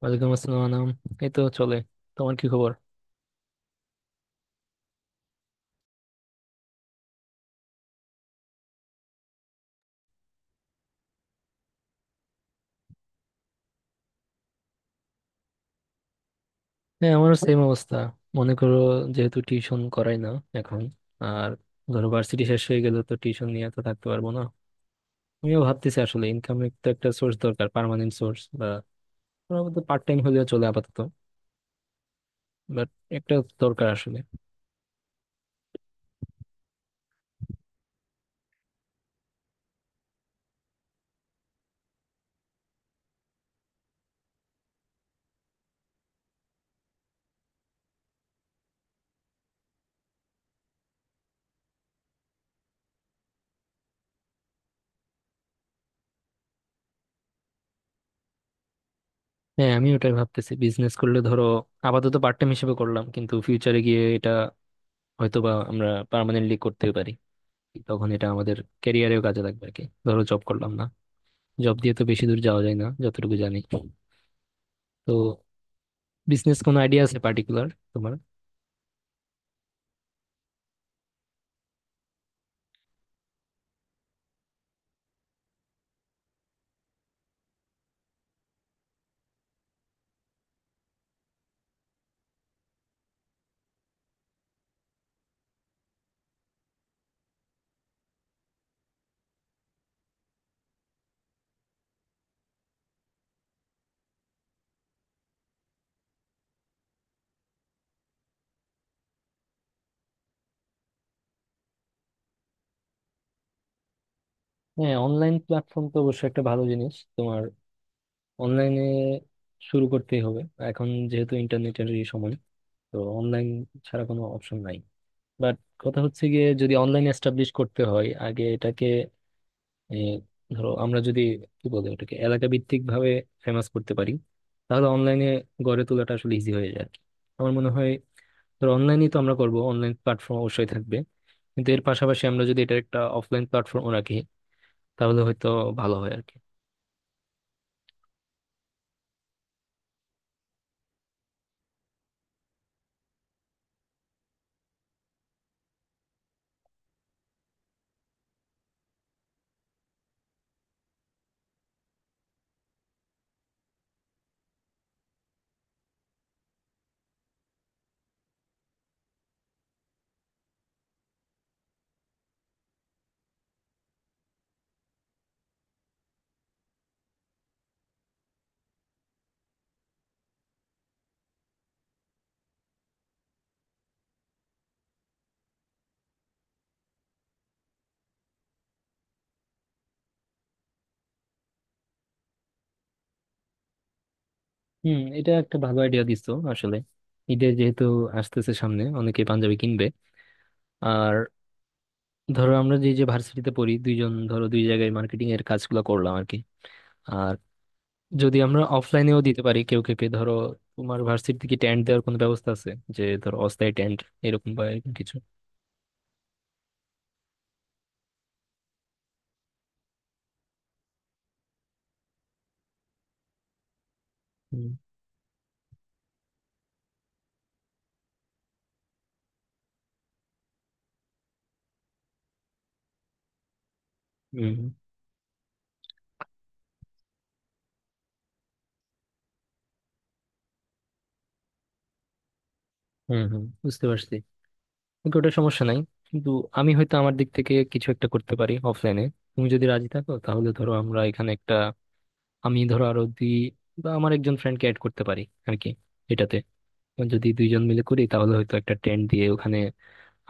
ওয়ালাইকুম আসসালাম আনাম। এই তো চলে। তোমার কি খবর? হ্যাঁ, আমারও সেম অবস্থা। মনে করো, যেহেতু টিউশন করাই না এখন, আর ধরো ভার্সিটি শেষ হয়ে গেলে তো টিউশন নিয়ে তো থাকতে পারবো না। আমিও ভাবতেছি, আসলে ইনকামের তো একটা সোর্স দরকার, পার্মানেন্ট সোর্স বা পার্ট টাইম হলেও চলে আপাতত, বাট একটা দরকার আসলে। হ্যাঁ, আমি ওটাই ভাবতেছি, বিজনেস করলে ধরো আপাতত পার্ট টাইম হিসেবে করলাম কিন্তু ফিউচারে গিয়ে এটা হয়তোবা আমরা পার্মানেন্টলি করতে পারি, তখন এটা আমাদের ক্যারিয়ারেও কাজে লাগবে আর কি। ধরো জব করলাম, না জব দিয়ে তো বেশি দূর যাওয়া যায় না যতটুকু জানি। তো বিজনেস কোনো আইডিয়া আছে পার্টিকুলার তোমার? হ্যাঁ, অনলাইন প্ল্যাটফর্ম তো অবশ্যই একটা ভালো জিনিস। তোমার অনলাইনে শুরু করতেই হবে, এখন যেহেতু ইন্টারনেটের সময়, তো অনলাইন ছাড়া কোনো অপশন নাই। বাট কথা হচ্ছে গিয়ে, যদি অনলাইন এস্টাবলিশ করতে হয় আগে এটাকে এ, ধরো আমরা যদি কি বলে ওটাকে এলাকা ভিত্তিক ভাবে ফেমাস করতে পারি তাহলে অনলাইনে গড়ে তোলাটা আসলে ইজি হয়ে যায় আর কি। আমার মনে হয় ধরো অনলাইনেই তো আমরা করবো, অনলাইন প্ল্যাটফর্ম অবশ্যই থাকবে, কিন্তু এর পাশাপাশি আমরা যদি এটার একটা অফলাইন প্ল্যাটফর্ম রাখি তাহলে হয়তো ভালো হয় আর কি। হুম, এটা একটা ভালো আইডিয়া দিছো আসলে। ঈদে যেহেতু আসতেছে সামনে, অনেকে পাঞ্জাবি কিনবে। আর ধরো আমরা যে যে ভার্সিটিতে পড়ি দুইজন, ধরো দুই জায়গায় মার্কেটিং এর কাজগুলো করলাম আর কি। আর যদি আমরা অফলাইনেও দিতে পারি কেউ কেউকে ধরো, তোমার ভার্সিটি থেকে টেন্ট দেওয়ার কোনো ব্যবস্থা আছে? যে ধরো অস্থায়ী টেন্ট এরকম বা এরকম কিছু। হুম, হুম, হুম, হুম, বুঝতে পারছি। ওকে, ওটা সমস্যা নাই। কিন্তু আমি হয়তো আমার দিক থেকে কিছু একটা করতে পারি অফলাইনে। তুমি যদি রাজি থাকো তাহলে ধরো আমরা এখানে একটা, আমি ধরো আরো দুই বা আমার একজন ফ্রেন্ডকে অ্যাড করতে পারি আর কি। এটাতে যদি দুইজন মিলে করি তাহলে হয়তো একটা ট্রেন্ড দিয়ে ওখানে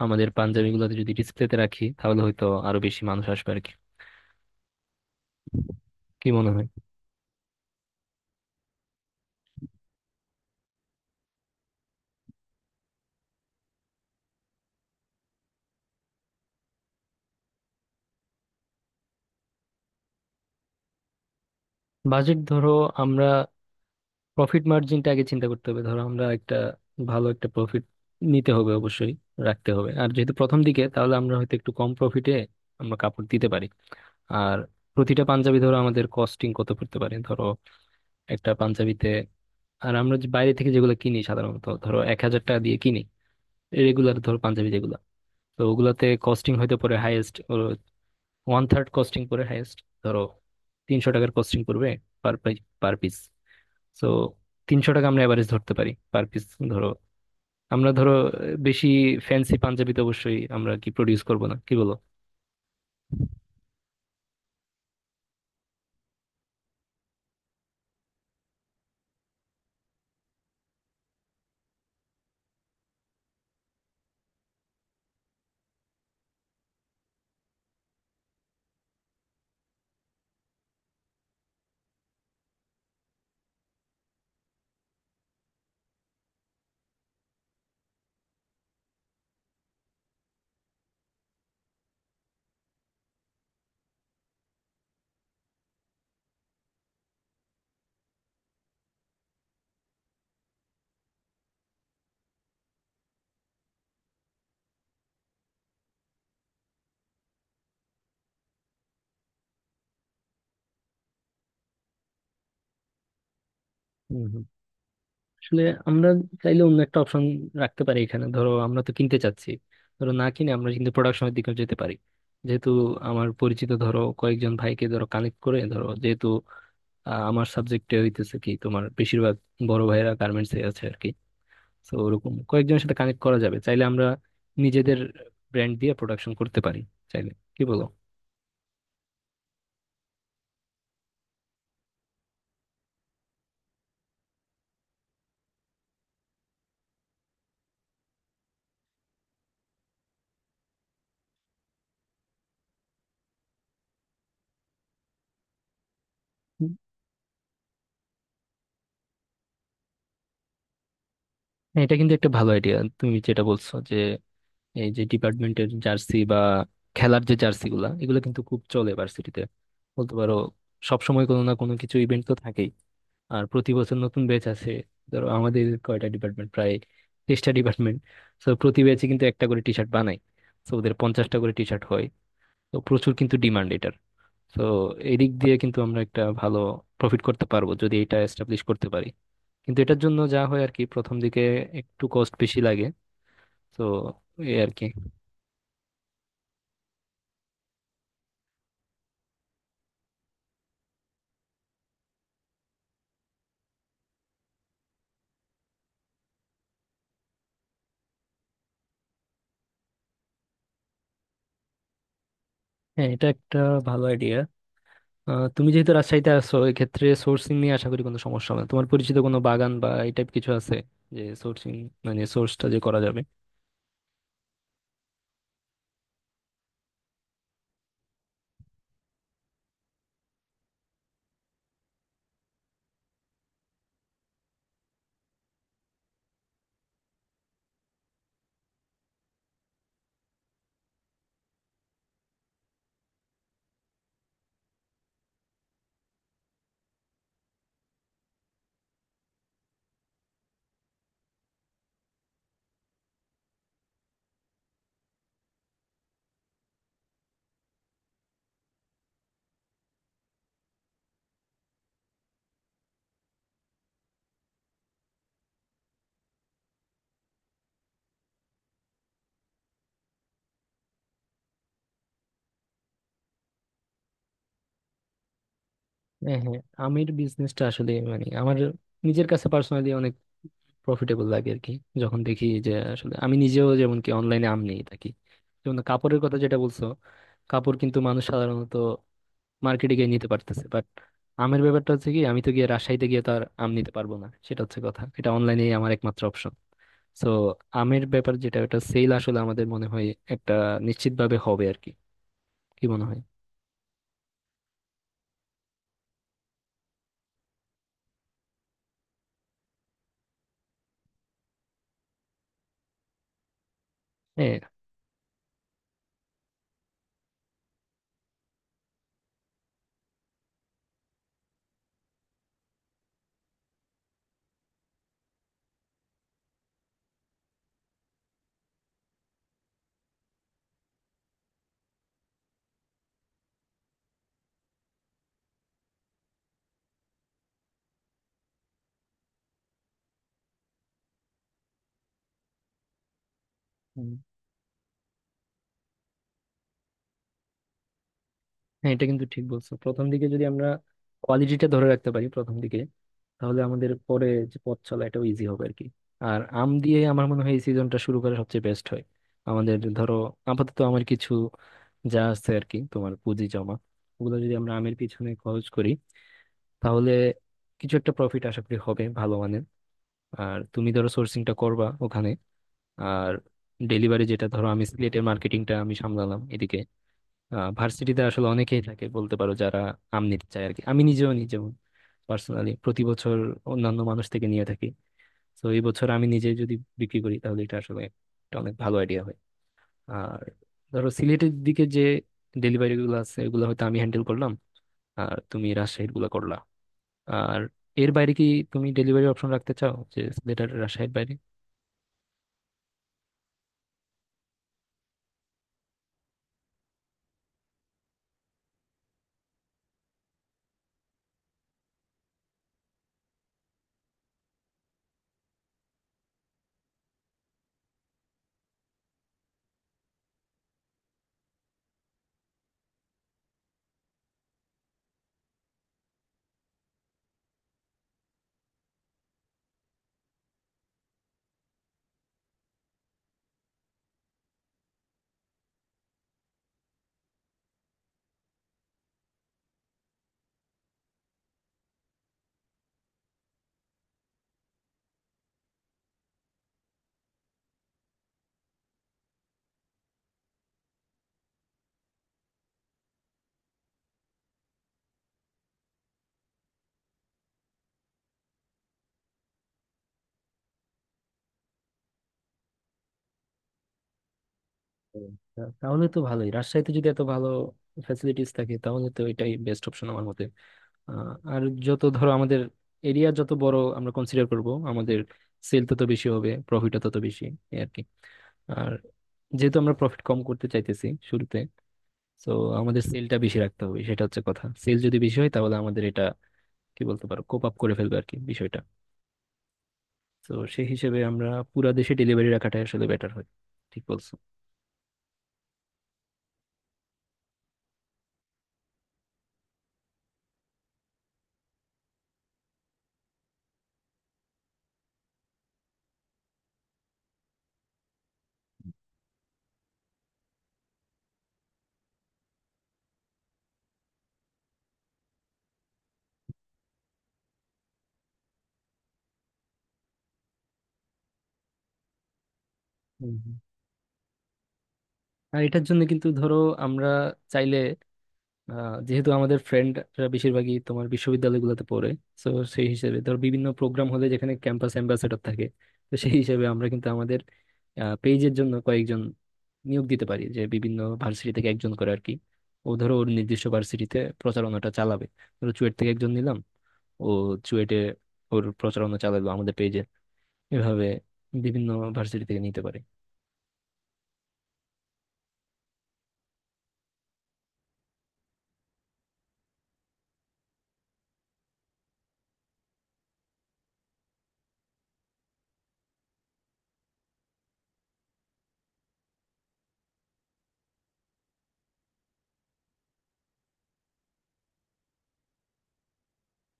আমাদের পাঞ্জাবিগুলোতে যদি ডিসপ্লেতে রাখি তাহলে হয়তো আরো বেশি মানুষ আসবে আর কি। কি মনে হয়? বাজেট ধরো আমরা প্রফিট মার্জিনটা আগে চিন্তা করতে হবে। ধরো আমরা একটা ভালো একটা প্রফিট নিতে হবে অবশ্যই, রাখতে হবে। আর যেহেতু প্রথম দিকে, তাহলে আমরা হয়তো একটু কম প্রফিটে আমরা কাপড় দিতে পারি। আর প্রতিটা পাঞ্জাবি ধরো আমাদের কস্টিং কত পড়তে পারে ধরো একটা পাঞ্জাবিতে। আর আমরা যে বাইরে থেকে যেগুলো কিনি সাধারণত, ধরো 1,000 টাকা দিয়ে কিনি, রেগুলার ধরো পাঞ্জাবি যেগুলো, তো ওগুলাতে কস্টিং হয়তো পড়ে হাইয়েস্ট ওয়ান থার্ড, কস্টিং পড়ে হাইয়েস্ট ধরো 300 টাকার কস্টিং পড়বে পার পার পিস। তো 300 টাকা আমরা এভারেজ ধরতে পারি পার পিস। ধরো আমরা ধরো বেশি ফ্যান্সি পাঞ্জাবি তো অবশ্যই আমরা কি প্রডিউস করব না, কি বলো? হুম, হুম, আসলে আমরা চাইলে অন্য একটা অপশন রাখতে পারি এখানে। ধরো আমরা তো কিনতে চাচ্ছি, ধরো না কিনে আমরা কিন্তু প্রোডাকশনের দিকে যেতে পারি যেহেতু আমার পরিচিত ধরো কয়েকজন ভাইকে ধরো কানেক্ট করে ধরো, যেহেতু আমার সাবজেক্টে হইতেছে কি, তোমার বেশিরভাগ বড় ভাইয়েরা গার্মেন্টস এ আছে আর কি। তো ওরকম কয়েকজনের সাথে কানেক্ট করা যাবে। চাইলে আমরা নিজেদের ব্র্যান্ড দিয়ে প্রোডাকশন করতে পারি চাইলে। কি বলো? হুম। হ্যাঁ, এটা কিন্তু একটা ভালো আইডিয়া তুমি যেটা বলছো যে, এই যে ডিপার্টমেন্টের জার্সি বা খেলার যে জার্সি গুলা, এগুলো কিন্তু খুব চলে ভার্সিটিতে, বলতে পারো সবসময় কোনো না কোনো কিছু ইভেন্ট তো থাকেই। আর প্রতি বছর নতুন ব্যাচ আছে। ধরো আমাদের কয়টা ডিপার্টমেন্ট, প্রায় 23টা ডিপার্টমেন্ট, তো প্রতি ব্যাচে কিন্তু একটা করে টি শার্ট বানায়, তো ওদের 50টা করে টি শার্ট হয়। তো প্রচুর কিন্তু ডিমান্ড। তো এদিক দিয়ে কিন্তু আমরা একটা ভালো প্রফিট করতে পারবো যদি এটা এস্টাবলিশ করতে পারি। কিন্তু এটার জন্য যা হয় আর কি প্রথম দিকে একটু কস্ট বেশি লাগে। তো এই আর কি। হ্যাঁ, এটা একটা ভালো আইডিয়া। তুমি যেহেতু রাজশাহীতে আসো, এক্ষেত্রে সোর্সিং নিয়ে আশা করি কোনো সমস্যা হবে না। তোমার পরিচিত কোনো বাগান বা এই টাইপ কিছু আছে যে সোর্সিং, মানে সোর্সটা যে করা যাবে? হ্যাঁ, হ্যাঁ, আমের বিজনেসটা আসলে মানে আমার নিজের কাছে পার্সোনালি প্রফিটেবল লাগে আর কি, যখন দেখি যে আসলে আমি নিজেও যেমন কি অনলাইনে আম নিয়ে থাকি। যেমন কাপড়ের কথা যেটা বলছো, কাপড় কিন্তু মানুষ সাধারণত মার্কেটে গিয়ে নিতে পারতেছে বাট আমের ব্যাপারটা হচ্ছে কি, আমি তো গিয়ে রাজশাহীতে গিয়ে তো আর আম নিতে পারবো না, সেটা হচ্ছে কথা। এটা অনলাইনেই আমার একমাত্র অপশন। সো আমের ব্যাপার যেটা, ওটা সেল আসলে আমাদের মনে হয় একটা নিশ্চিতভাবে হবে আর কি। কি মনে হয়? হ্যাঁ, হ্যাঁ, এটা কিন্তু ঠিক বলছো। প্রথম দিকে যদি আমরা কোয়ালিটিটা ধরে রাখতে পারি প্রথম দিকে, তাহলে আমাদের পরে যে পথ চলা এটাও ইজি হবে আর কি। আর আম দিয়ে আমার মনে হয় এই সিজনটা শুরু করা সবচেয়ে বেস্ট হয়। আমাদের ধরো আপাতত আমার কিছু যা আছে আর কি, তোমার পুঁজি জমা, ওগুলো যদি আমরা আমের পিছনে খরচ করি, তাহলে কিছু একটা প্রফিট আশা করি হবে ভালো মানের। আর তুমি ধরো সোর্সিংটা করবা ওখানে। আর ডেলিভারি যেটা, ধরো আমি সিলেটের মার্কেটিংটা আমি সামলালাম এদিকে। ভার্সিটিতে আসলে অনেকেই থাকে বলতে পারো যারা আম নিতে চায় আর কি। আমি নিজেও নিজেও পার্সোনালি প্রতি বছর অন্যান্য মানুষ থেকে নিয়ে থাকি। তো এই বছর আমি নিজে যদি বিক্রি করি তাহলে এটা আসলে একটা অনেক ভালো আইডিয়া হয়। আর ধরো সিলেটের দিকে যে ডেলিভারি গুলো আছে এগুলো হয়তো আমি হ্যান্ডেল করলাম, আর তুমি রাজশাহীর গুলো করলা। আর এর বাইরে কি তুমি ডেলিভারি অপশন রাখতে চাও, যে সিলেটের রাজশাহীর বাইরে? হুম। তাহলে তো ভালোই, রাজশাহীতে যদি এত ভালো ফ্যাসিলিটিস থাকে তাহলে তো এটাই বেস্ট অপশন আমার মতে। আর যত ধরো আমাদের এরিয়া যত বড় আমরা কনসিডার করব আমাদের সেল তত বেশি হবে, প্রফিটও তত বেশি। এই আর কি। আর যেহেতু আমরা প্রফিট কম করতে চাইতেছি শুরুতে, তো আমাদের সেলটা বেশি রাখতে হবে, সেটা হচ্ছে কথা। সেল যদি বেশি হয় তাহলে আমাদের এটা কি বলতে পারো কোপ আপ করে ফেলবে আর কি বিষয়টা। তো সেই হিসেবে আমরা পুরা দেশে ডেলিভারি রাখাটাই আসলে বেটার হয়। ঠিক বলছো। হুম, হুম। আর এটার জন্য কিন্তু ধরো, আমরা চাইলে আহ, যেহেতু আমাদের ফ্রেন্ডরা বেশিরভাগই তোমার বিশ্ববিদ্যালয়গুলোতে পড়ে, তো সেই হিসেবে ধর বিভিন্ন প্রোগ্রাম হলে যেখানে ক্যাম্পাস অ্যাম্বাসেডর থাকে, তো সেই হিসেবে আমরা কিন্তু আমাদের পেজের জন্য কয়েকজন নিয়োগ দিতে পারি যে বিভিন্ন ভার্সিটি থেকে একজন করে আর কি। ও ধরো ওর নির্দিষ্ট ভার্সিটিতে প্রচারণাটা চালাবে। ধরো চুয়েট থেকে একজন নিলাম, ও চুয়েটে ওর প্রচারণা চালালো আমাদের পেজে। এভাবে বিভিন্ন ভার্সিটি থেকে নিতে পারে।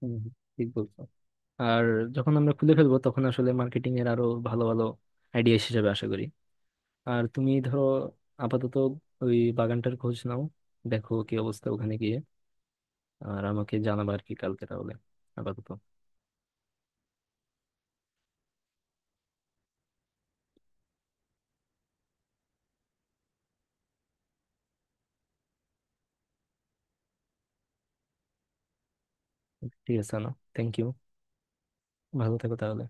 হম, ঠিক বলছো। আর যখন আমরা খুলে ফেলবো তখন আসলে মার্কেটিং এর আরো ভালো ভালো আইডিয়া হিসেবে আশা করি। আর তুমি ধরো আপাতত ওই বাগানটার খোঁজ নাও, দেখো কি অবস্থা ওখানে গিয়ে। আর আমাকে জানাবা আর কি কালকে তাহলে আপাতত। ঠিক আছে না? Thank you. ভালো থেকো তাহলে।